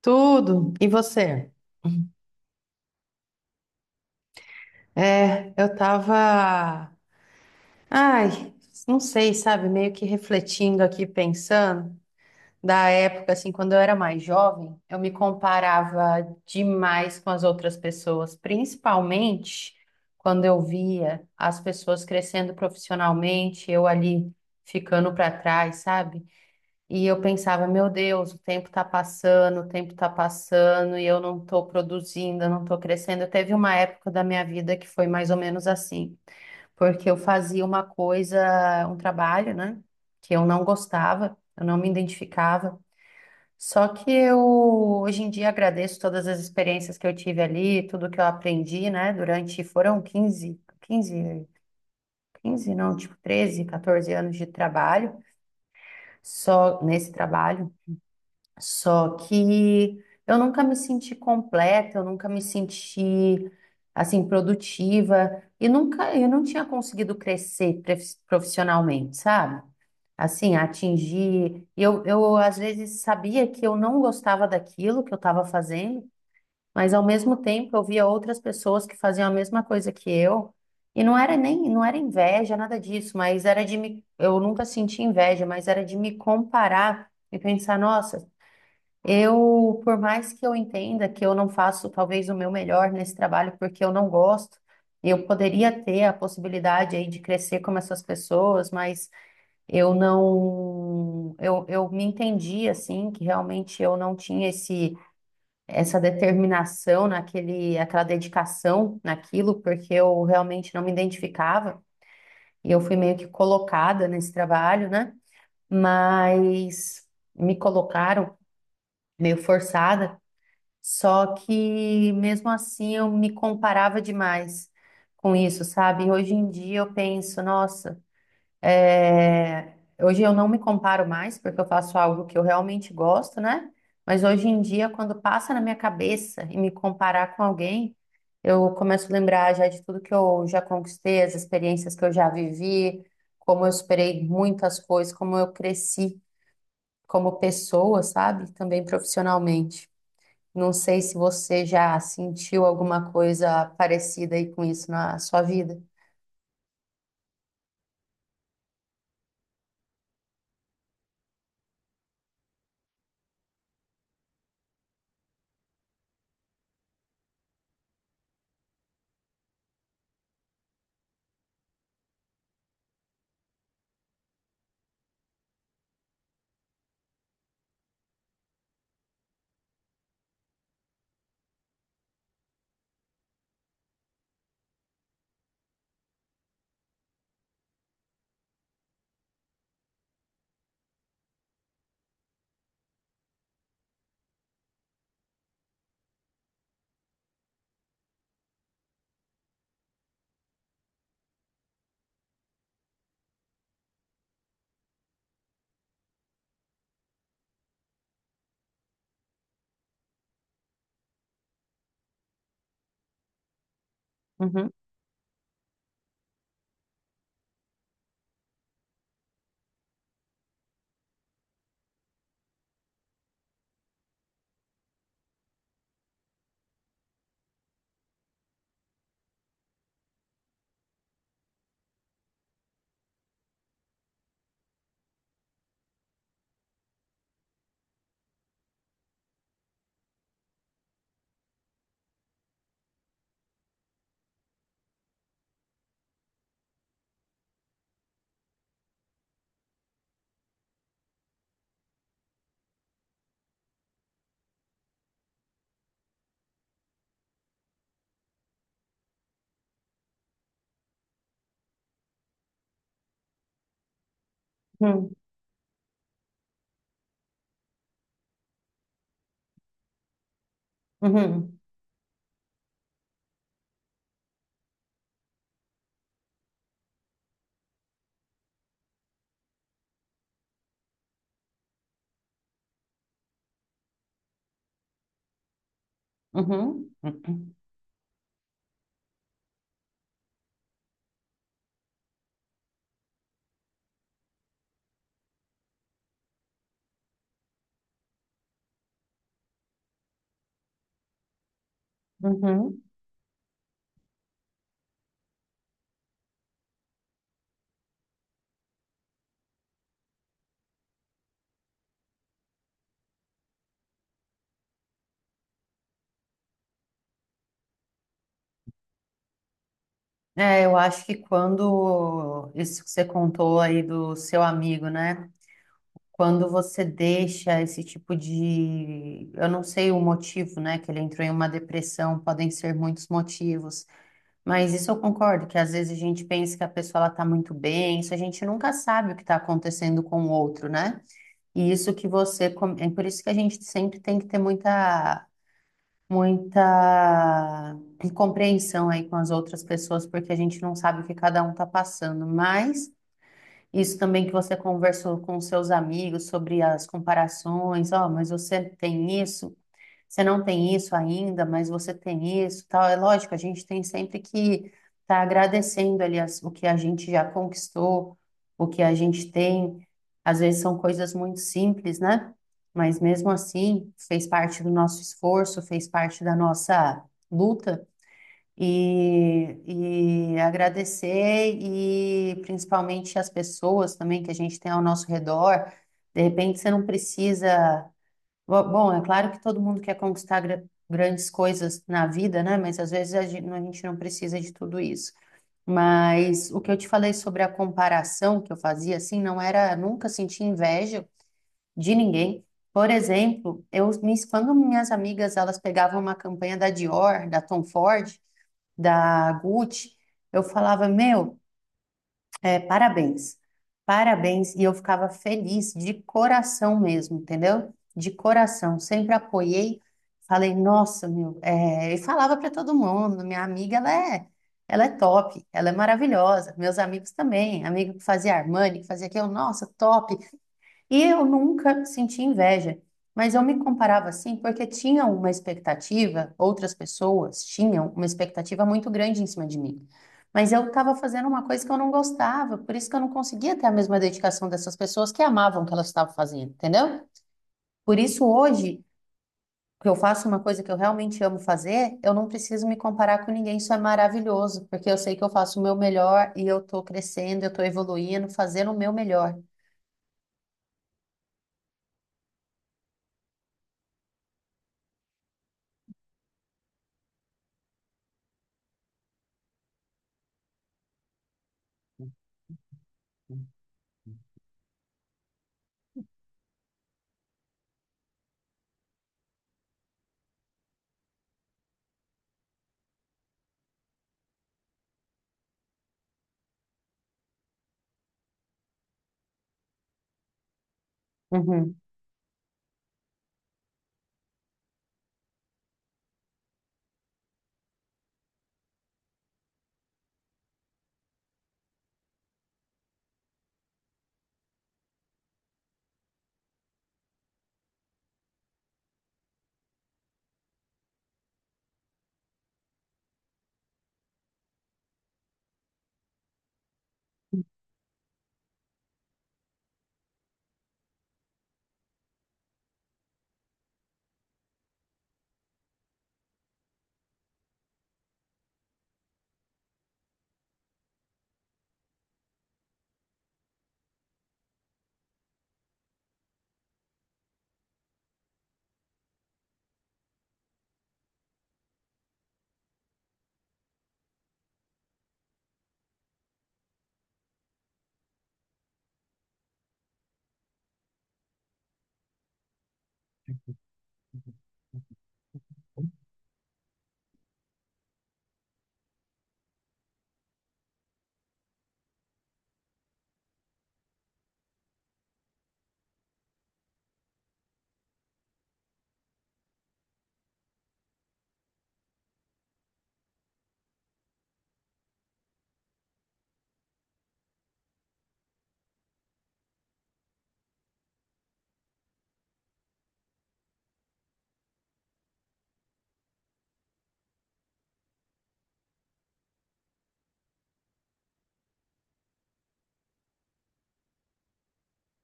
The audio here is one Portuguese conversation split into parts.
Tudo. E você? É, eu tava, ai, não sei, sabe, meio que refletindo aqui, pensando da época assim, quando eu era mais jovem, eu me comparava demais com as outras pessoas, principalmente quando eu via as pessoas crescendo profissionalmente, eu ali ficando para trás, sabe? E eu pensava, meu Deus, o tempo está passando, o tempo está passando e eu não estou produzindo, eu não estou crescendo. Teve uma época da minha vida que foi mais ou menos assim, porque eu fazia uma coisa, um trabalho, né, que eu não gostava, eu não me identificava. Só que eu hoje em dia agradeço todas as experiências que eu tive ali, tudo que eu aprendi, né, durante foram 15 não, tipo 13 14 anos de trabalho, só nesse trabalho, só que eu nunca me senti completa, eu nunca me senti assim produtiva e nunca eu não tinha conseguido crescer profissionalmente, sabe? Assim, atingir. Eu às vezes sabia que eu não gostava daquilo que eu estava fazendo, mas ao mesmo tempo eu via outras pessoas que faziam a mesma coisa que eu. E não era nem, não era inveja, nada disso, mas era de me, eu nunca senti inveja, mas era de me comparar e pensar, nossa, eu, por mais que eu entenda que eu não faço talvez o meu melhor nesse trabalho porque eu não gosto, eu poderia ter a possibilidade aí de crescer como essas pessoas, mas eu não, eu me entendi assim que realmente eu não tinha esse, essa determinação naquele, aquela dedicação naquilo, porque eu realmente não me identificava e eu fui meio que colocada nesse trabalho, né? Mas me colocaram meio forçada. Só que mesmo assim eu me comparava demais com isso, sabe? E hoje em dia eu penso, nossa, é, hoje eu não me comparo mais porque eu faço algo que eu realmente gosto, né? Mas hoje em dia, quando passa na minha cabeça e me comparar com alguém, eu começo a lembrar já de tudo que eu já conquistei, as experiências que eu já vivi, como eu esperei muitas coisas, como eu cresci como pessoa, sabe? Também profissionalmente. Não sei se você já sentiu alguma coisa parecida aí com isso na sua vida. Uhum, uhum, uhum, uhum, uhum, uhum. É, eu acho que quando isso que você contou aí do seu amigo, né? Quando você deixa esse tipo de, eu não sei o motivo, né, que ele entrou em uma depressão, podem ser muitos motivos, mas isso eu concordo que às vezes a gente pensa que a pessoa ela tá muito bem, isso a gente nunca sabe o que está acontecendo com o outro, né? E isso que você. É por isso que a gente sempre tem que ter muita, muita compreensão aí com as outras pessoas, porque a gente não sabe o que cada um está passando. Mas isso também que você conversou com seus amigos sobre as comparações, ó, mas você tem isso, você não tem isso ainda, mas você tem isso, tal. É lógico, a gente tem sempre que estar agradecendo ali o que a gente já conquistou, o que a gente tem. Às vezes são coisas muito simples, né? Mas mesmo assim, fez parte do nosso esforço, fez parte da nossa luta. E agradecer e principalmente as pessoas também que a gente tem ao nosso redor. De repente, você não precisa. Bom, é claro que todo mundo quer conquistar grandes coisas na vida, né? Mas às vezes a gente não precisa de tudo isso. Mas o que eu te falei sobre a comparação que eu fazia, assim, não era nunca sentir inveja de ninguém. Por exemplo, eu, quando minhas amigas elas pegavam uma campanha da Dior, da Tom Ford, da Gucci, eu falava, meu, parabéns. Parabéns. E eu ficava feliz de coração mesmo, entendeu? De coração. Sempre apoiei. Falei, nossa, meu. E falava para todo mundo. Minha amiga, ela é top. Ela é maravilhosa. Meus amigos também. Amigo que fazia Armani, que fazia aquilo. Nossa, top. E eu nunca senti inveja, mas eu me comparava assim porque tinha uma expectativa, outras pessoas tinham uma expectativa muito grande em cima de mim. Mas eu estava fazendo uma coisa que eu não gostava, por isso que eu não conseguia ter a mesma dedicação dessas pessoas que amavam o que elas estavam fazendo, entendeu? Por isso hoje, que eu faço uma coisa que eu realmente amo fazer, eu não preciso me comparar com ninguém, isso é maravilhoso, porque eu sei que eu faço o meu melhor e eu estou crescendo, eu estou evoluindo, fazendo o meu melhor. Uhum.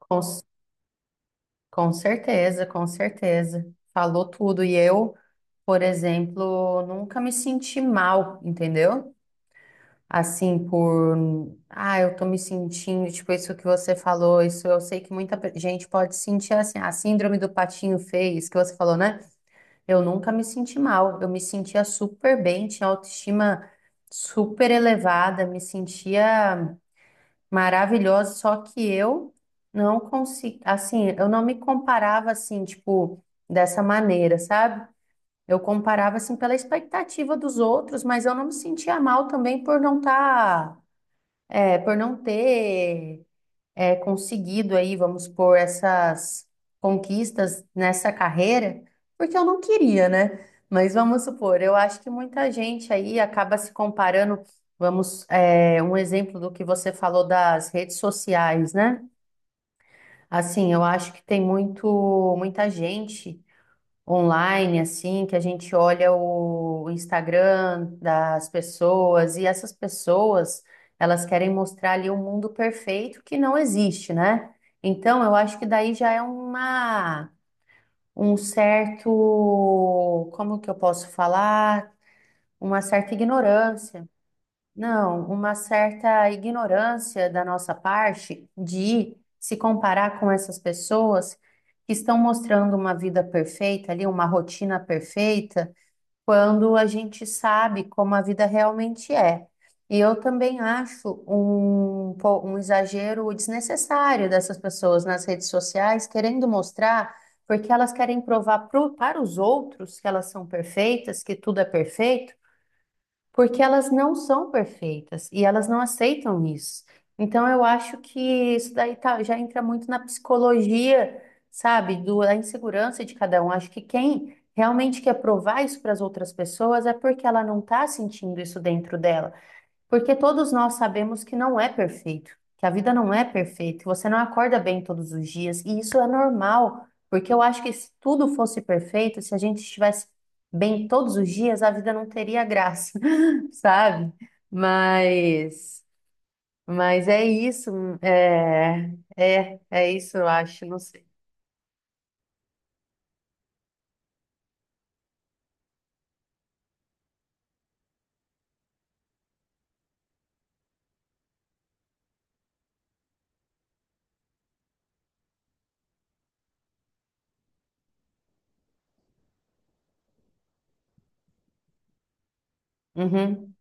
Com Com certeza, com certeza. Falou tudo. E eu, por exemplo, nunca me senti mal, entendeu? Assim, por. Ah, eu tô me sentindo, tipo, isso que você falou, isso eu sei que muita gente pode sentir assim, a síndrome do patinho feio, isso que você falou, né? Eu nunca me senti mal, eu me sentia super bem, tinha autoestima super elevada, me sentia maravilhosa, só que eu não consigo, assim, eu não me comparava assim, tipo, dessa maneira, sabe? Eu comparava assim pela expectativa dos outros, mas eu não me sentia mal também por não estar, por não ter, conseguido aí, vamos pôr, essas conquistas nessa carreira, porque eu não queria, né? Mas vamos supor, eu acho que muita gente aí acaba se comparando. Vamos, um exemplo do que você falou das redes sociais, né? Assim, eu acho que tem muito, muita gente online, assim, que a gente olha o Instagram das pessoas e essas pessoas, elas querem mostrar ali um mundo perfeito que não existe, né? Então, eu acho que daí já é uma, um certo, como que eu posso falar? Uma certa ignorância. Não, uma certa ignorância da nossa parte de se comparar com essas pessoas que estão mostrando uma vida perfeita ali, uma rotina perfeita, quando a gente sabe como a vida realmente é. E eu também acho um, um exagero desnecessário dessas pessoas nas redes sociais querendo mostrar, porque elas querem provar para os outros que elas são perfeitas, que tudo é perfeito porque elas não são perfeitas e elas não aceitam isso. Então, eu acho que isso daí já entra muito na psicologia, sabe, da insegurança de cada um. Acho que quem realmente quer provar isso para as outras pessoas é porque ela não está sentindo isso dentro dela. Porque todos nós sabemos que não é perfeito, que a vida não é perfeita, que você não acorda bem todos os dias, e isso é normal, porque eu acho que se tudo fosse perfeito, se a gente estivesse bem todos os dias, a vida não teria graça, sabe? Mas, mas é isso, é, é isso, eu acho, não sei. Uhum.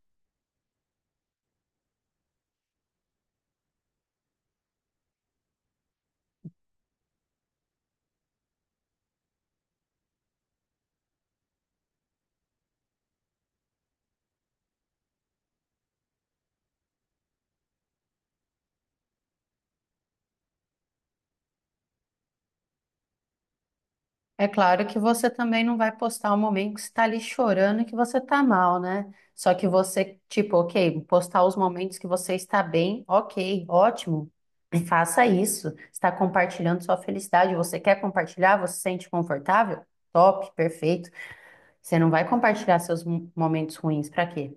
É claro que você também não vai postar o momento que você está ali chorando e que você está mal, né? Só que você, tipo, ok, postar os momentos que você está bem, ok, ótimo. E faça isso. Está compartilhando sua felicidade. Você quer compartilhar? Você se sente confortável? Top, perfeito. Você não vai compartilhar seus momentos ruins, para quê?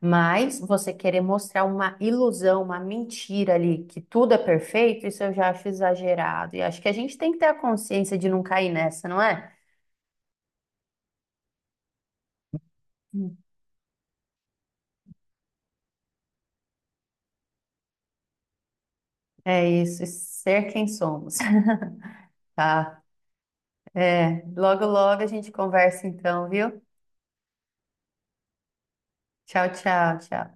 Mas você querer mostrar uma ilusão, uma mentira ali, que tudo é perfeito, isso eu já acho exagerado. E acho que a gente tem que ter a consciência de não cair nessa, não é? É isso, ser quem somos. Tá. É, logo, logo a gente conversa então, viu? Tchau, tchau, tchau.